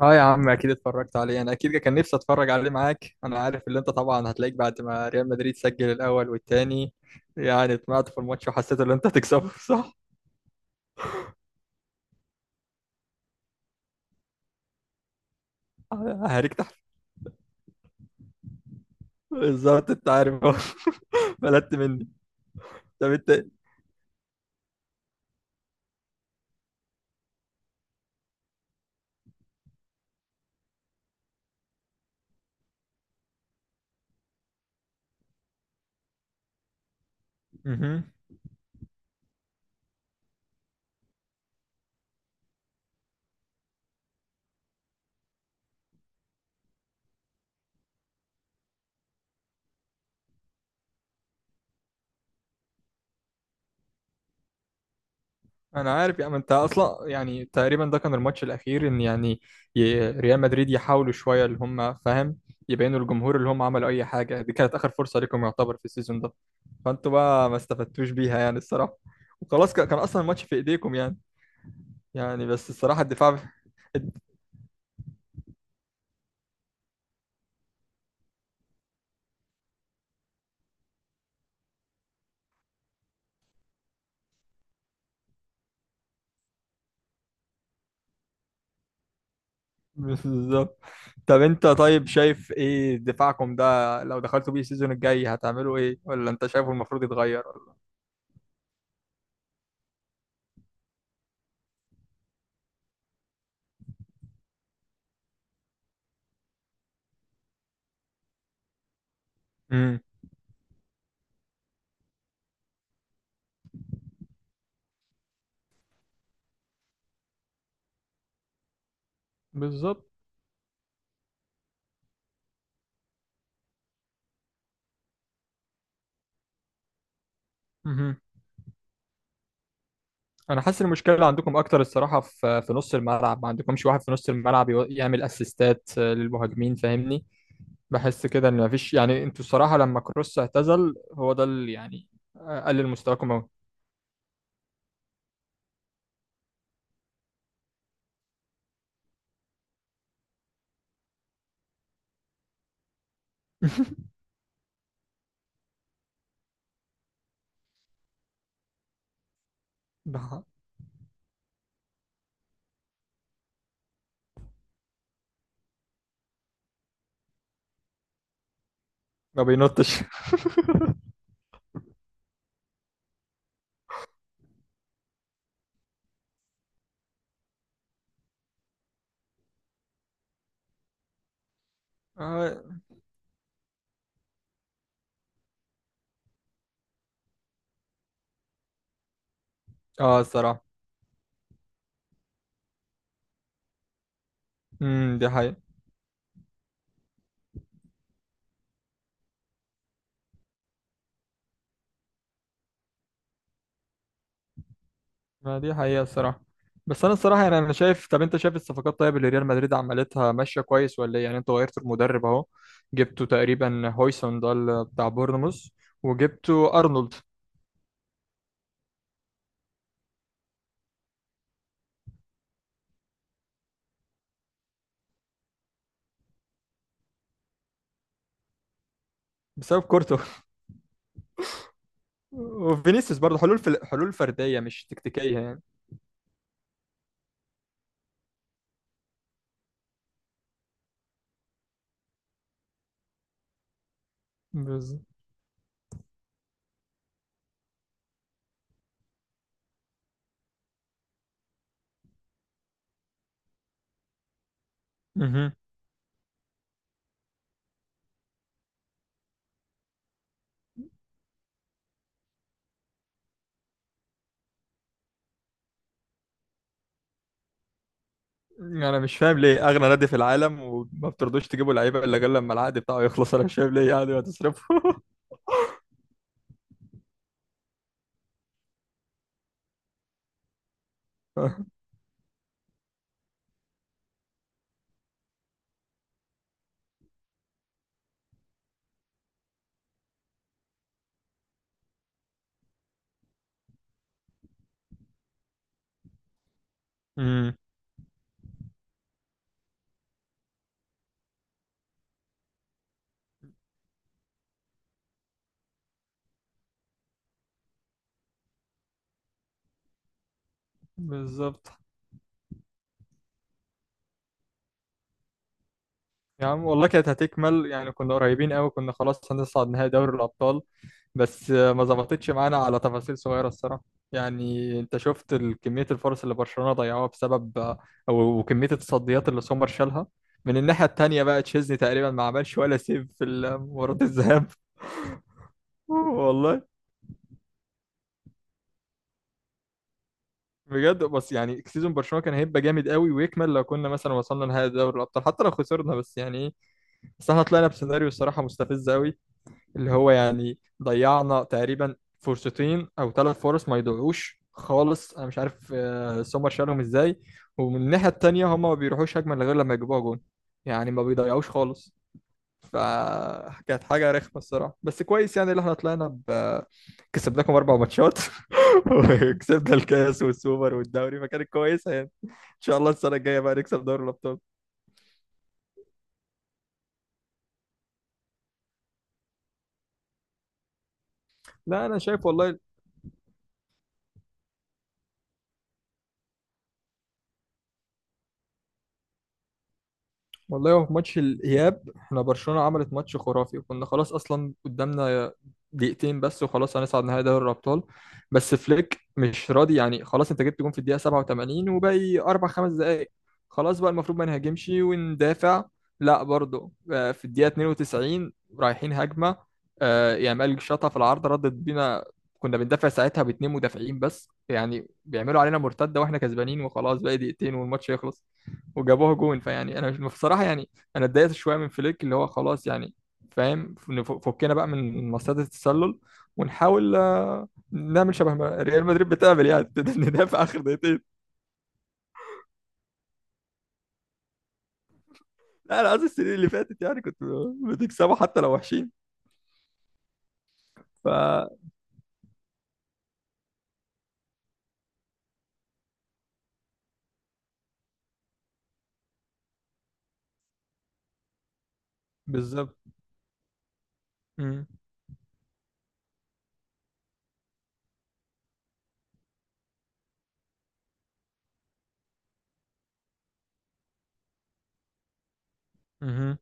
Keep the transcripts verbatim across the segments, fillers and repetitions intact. اه يا عم، اكيد اتفرجت عليه. انا اكيد كان نفسي اتفرج عليه معاك. انا عارف اللي انت طبعا هتلاقيك بعد ما ريال مدريد سجل الاول والتاني، يعني طمعت في الماتش وحسيت ان انت هتكسبه، صح؟ هريك تحت. بالظبط، انت عارف اهو. بلدت مني. طب انت. مهم. انا عارف يا عم، انت اصلا يعني تقريبا ده كان الماتش الاخير ان يعني ي- ريال مدريد يحاولوا شويه، اللي هم فاهم يبينوا للجمهور اللي هم عملوا اي حاجه، دي كانت اخر فرصه ليكم يعتبر في السيزون ده، فانتوا بقى ما استفدتوش بيها، يعني الصراحه. وخلاص، ك- كان اصلا الماتش في ايديكم يعني. يعني بس الصراحه الدفاع. بالظبط. طب انت، طيب شايف ايه دفاعكم ده؟ لو دخلتوا بيه السيزون الجاي، هتعملوا ايه؟ ولا انت شايفه المفروض يتغير؟ امم بالظبط. مهم. انا حاسس إن المشكله عندكم اكتر الصراحه في في نص الملعب، ما عندكمش واحد في نص الملعب يو- يعمل اسيستات، آه، للمهاجمين، فاهمني؟ بحس كده ان مفيش، يعني انتوا الصراحه لما كروس اعتزل، هو ده اللي يعني آه، قلل مستواكم قوي. ده ما بينطش. اه. آه، الصراحة. امم دي حقيقة. ما دي حقيقة الصراحة. بس انا الصراحة يعني انا شايف، طب انت شايف الصفقات طيب اللي ريال مدريد عملتها ماشية كويس ولا ايه؟ يعني انت غيرت المدرب اهو، جبتوا تقريبا هويسون ده ال- بتاع بورنموث، وجبتوا ارنولد. بسبب كورتو. وفينيسيوس برضه، حلول في حلول فردية مش تكتيكية يعني. بالظبط. مهم. انا مش فاهم ليه اغنى نادي في العالم وما بترضوش تجيبوا لعيبه الا غير لما العقد بتاعه يخلص؟ انا مش فاهم ليه، يعني هتصرفه. امم بالظبط. يا عم والله كانت هتكمل يعني، كنا قريبين قوي، كنا خلاص هنصعد نهائي دوري الأبطال، بس آه، ما ظبطتش معانا على تفاصيل صغيرة الصراحة. يعني انت شفت ال- كمية الفرص اللي برشلونة ضيعوها بسبب آه، و- وكمية التصديات اللي سومر شالها. من الناحية التانية بقى، تشيزني تقريبا ما عملش ولا سيف في ال- مباراة الذهاب. والله. بجد، بس يعني سيزون برشلونة كان هيبقى جامد قوي ويكمل لو كنا مثلا وصلنا نهائي دوري الأبطال، حتى لو خسرنا، بس يعني ايه. بس احنا طلعنا بسيناريو الصراحة مستفز قوي، اللي هو يعني ضيعنا تقريبا فرصتين او ثلاث فرص ما يضيعوش خالص، انا مش عارف آه، سومر شالهم ازاي. ومن الناحيه التانيه، هما ما بيروحوش هجمه غير لما يجيبوها جون، يعني ما بيضيعوش خالص. فكانت حاجه رخمه الصراحه. بس كويس يعني اللي احنا طلعنا ب... كسبناكم اربع ماتشات. وكسبنا الكاس والسوبر والدوري، فكانت كويسه يعني. ان شاء الله السنه الجايه بقى نكسب دوري الابطال. لا انا شايف والله. والله هو في ماتش الإياب، احنا برشلونة عملت ماتش خرافي، وكنا خلاص أصلا قدامنا دقيقتين بس وخلاص هنصعد نهائي دوري الأبطال، بس فليك مش راضي يعني. خلاص أنت جبت جون في الدقيقة سبعة وتمانين وباقي أربع خمس دقايق، خلاص بقى المفروض ما نهاجمش وندافع. لا برضه آه، في الدقيقة اتنين وتسعين رايحين هجمة، آه، يامال شاطها في العارضة ردت بينا. كنا بندافع ساعتها باتنين مدافعين بس، يعني بيعملوا علينا مرتدة واحنا كسبانين وخلاص باقي دقيقتين والماتش يخلص، وجابوها جون. فيعني انا مش بصراحه يعني، انا اتضايقت شويه من فليك، اللي هو خلاص يعني فاهم، نف- فكنا بقى من مصيدة التسلل، ونحاول آه، نعمل شبه ما ريال مدريد بتعمل يعني. ندافع اخر دقيقتين. لا انا قصدي السنين اللي فاتت يعني، كنت بتكسبوا حتى لو وحشين. ف بالظبط. مم. مهم.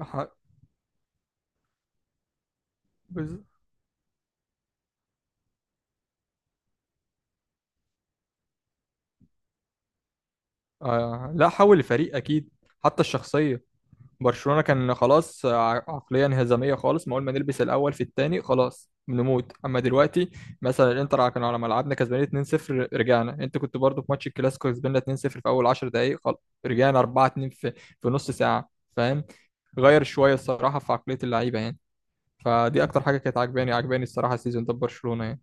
ح- بز- آه، لا، حول الفريق اكيد، حتى الشخصيه. برشلونة كان خلاص ع- عقلية انهزامية خالص، ما أول ما نلبس الأول في التاني خلاص بنموت. أما دلوقتي مثلا، الإنتر كان على ملعبنا كسبانين اتنين صفر رجعنا، أنت كنت برضو في ماتش الكلاسيكو كسبنا اتنين صفر في أول عشر دقايق، خلاص رجعنا اربعة اتنين في في نص ساعة، فاهم؟ غير شوية الصراحة في عقلية اللعيبة يعني. فدي أكتر حاجة كانت عجباني، عجباني الصراحة السيزون ده في برشلونة يعني.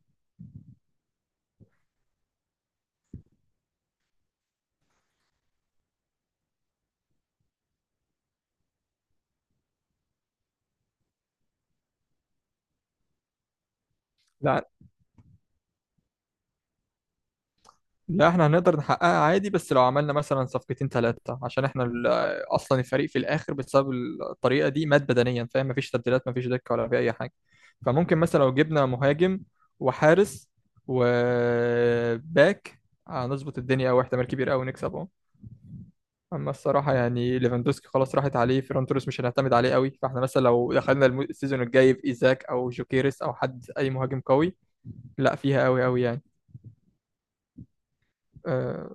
لا. لا احنا هنقدر نحققها عادي، بس لو عملنا مثلا صفقتين ثلاثة، عشان احنا ال- آه، اصلا الفريق في الاخر بسبب الطريقة دي مات بدنيا، فاهم؟ مفيش تبديلات، مفيش دكة، ولا في اي حاجة. فممكن مثلا لو جبنا مهاجم، وحارس، وباك، هنظبط الدنيا، او احتمال كبير قوي نكسب اهو. اما الصراحة يعني، ليفاندوسكي خلاص راحت عليه، فيران توريس مش هنعتمد عليه قوي، فاحنا مثلا لو دخلنا الم- السيزون الجاي بإيزاك او جوكيريس او حد اي مهاجم قوي، لا فيها قوي قوي يعني. اه.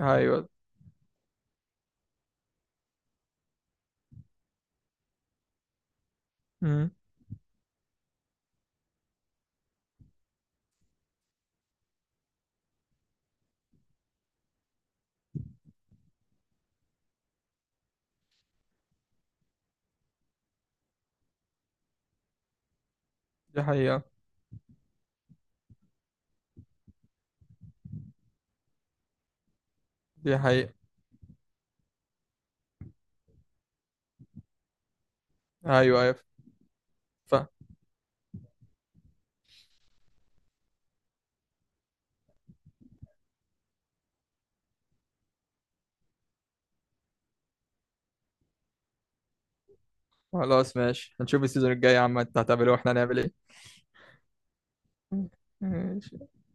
ايوه. امم دي حقيقة. دي حقيقة. ايوه، ايوه، فاهم. خلاص ماشي، هنشوف السيزون الجاي يا عم انت هتعمل ايه واحنا هنعمل ايه. ماشي.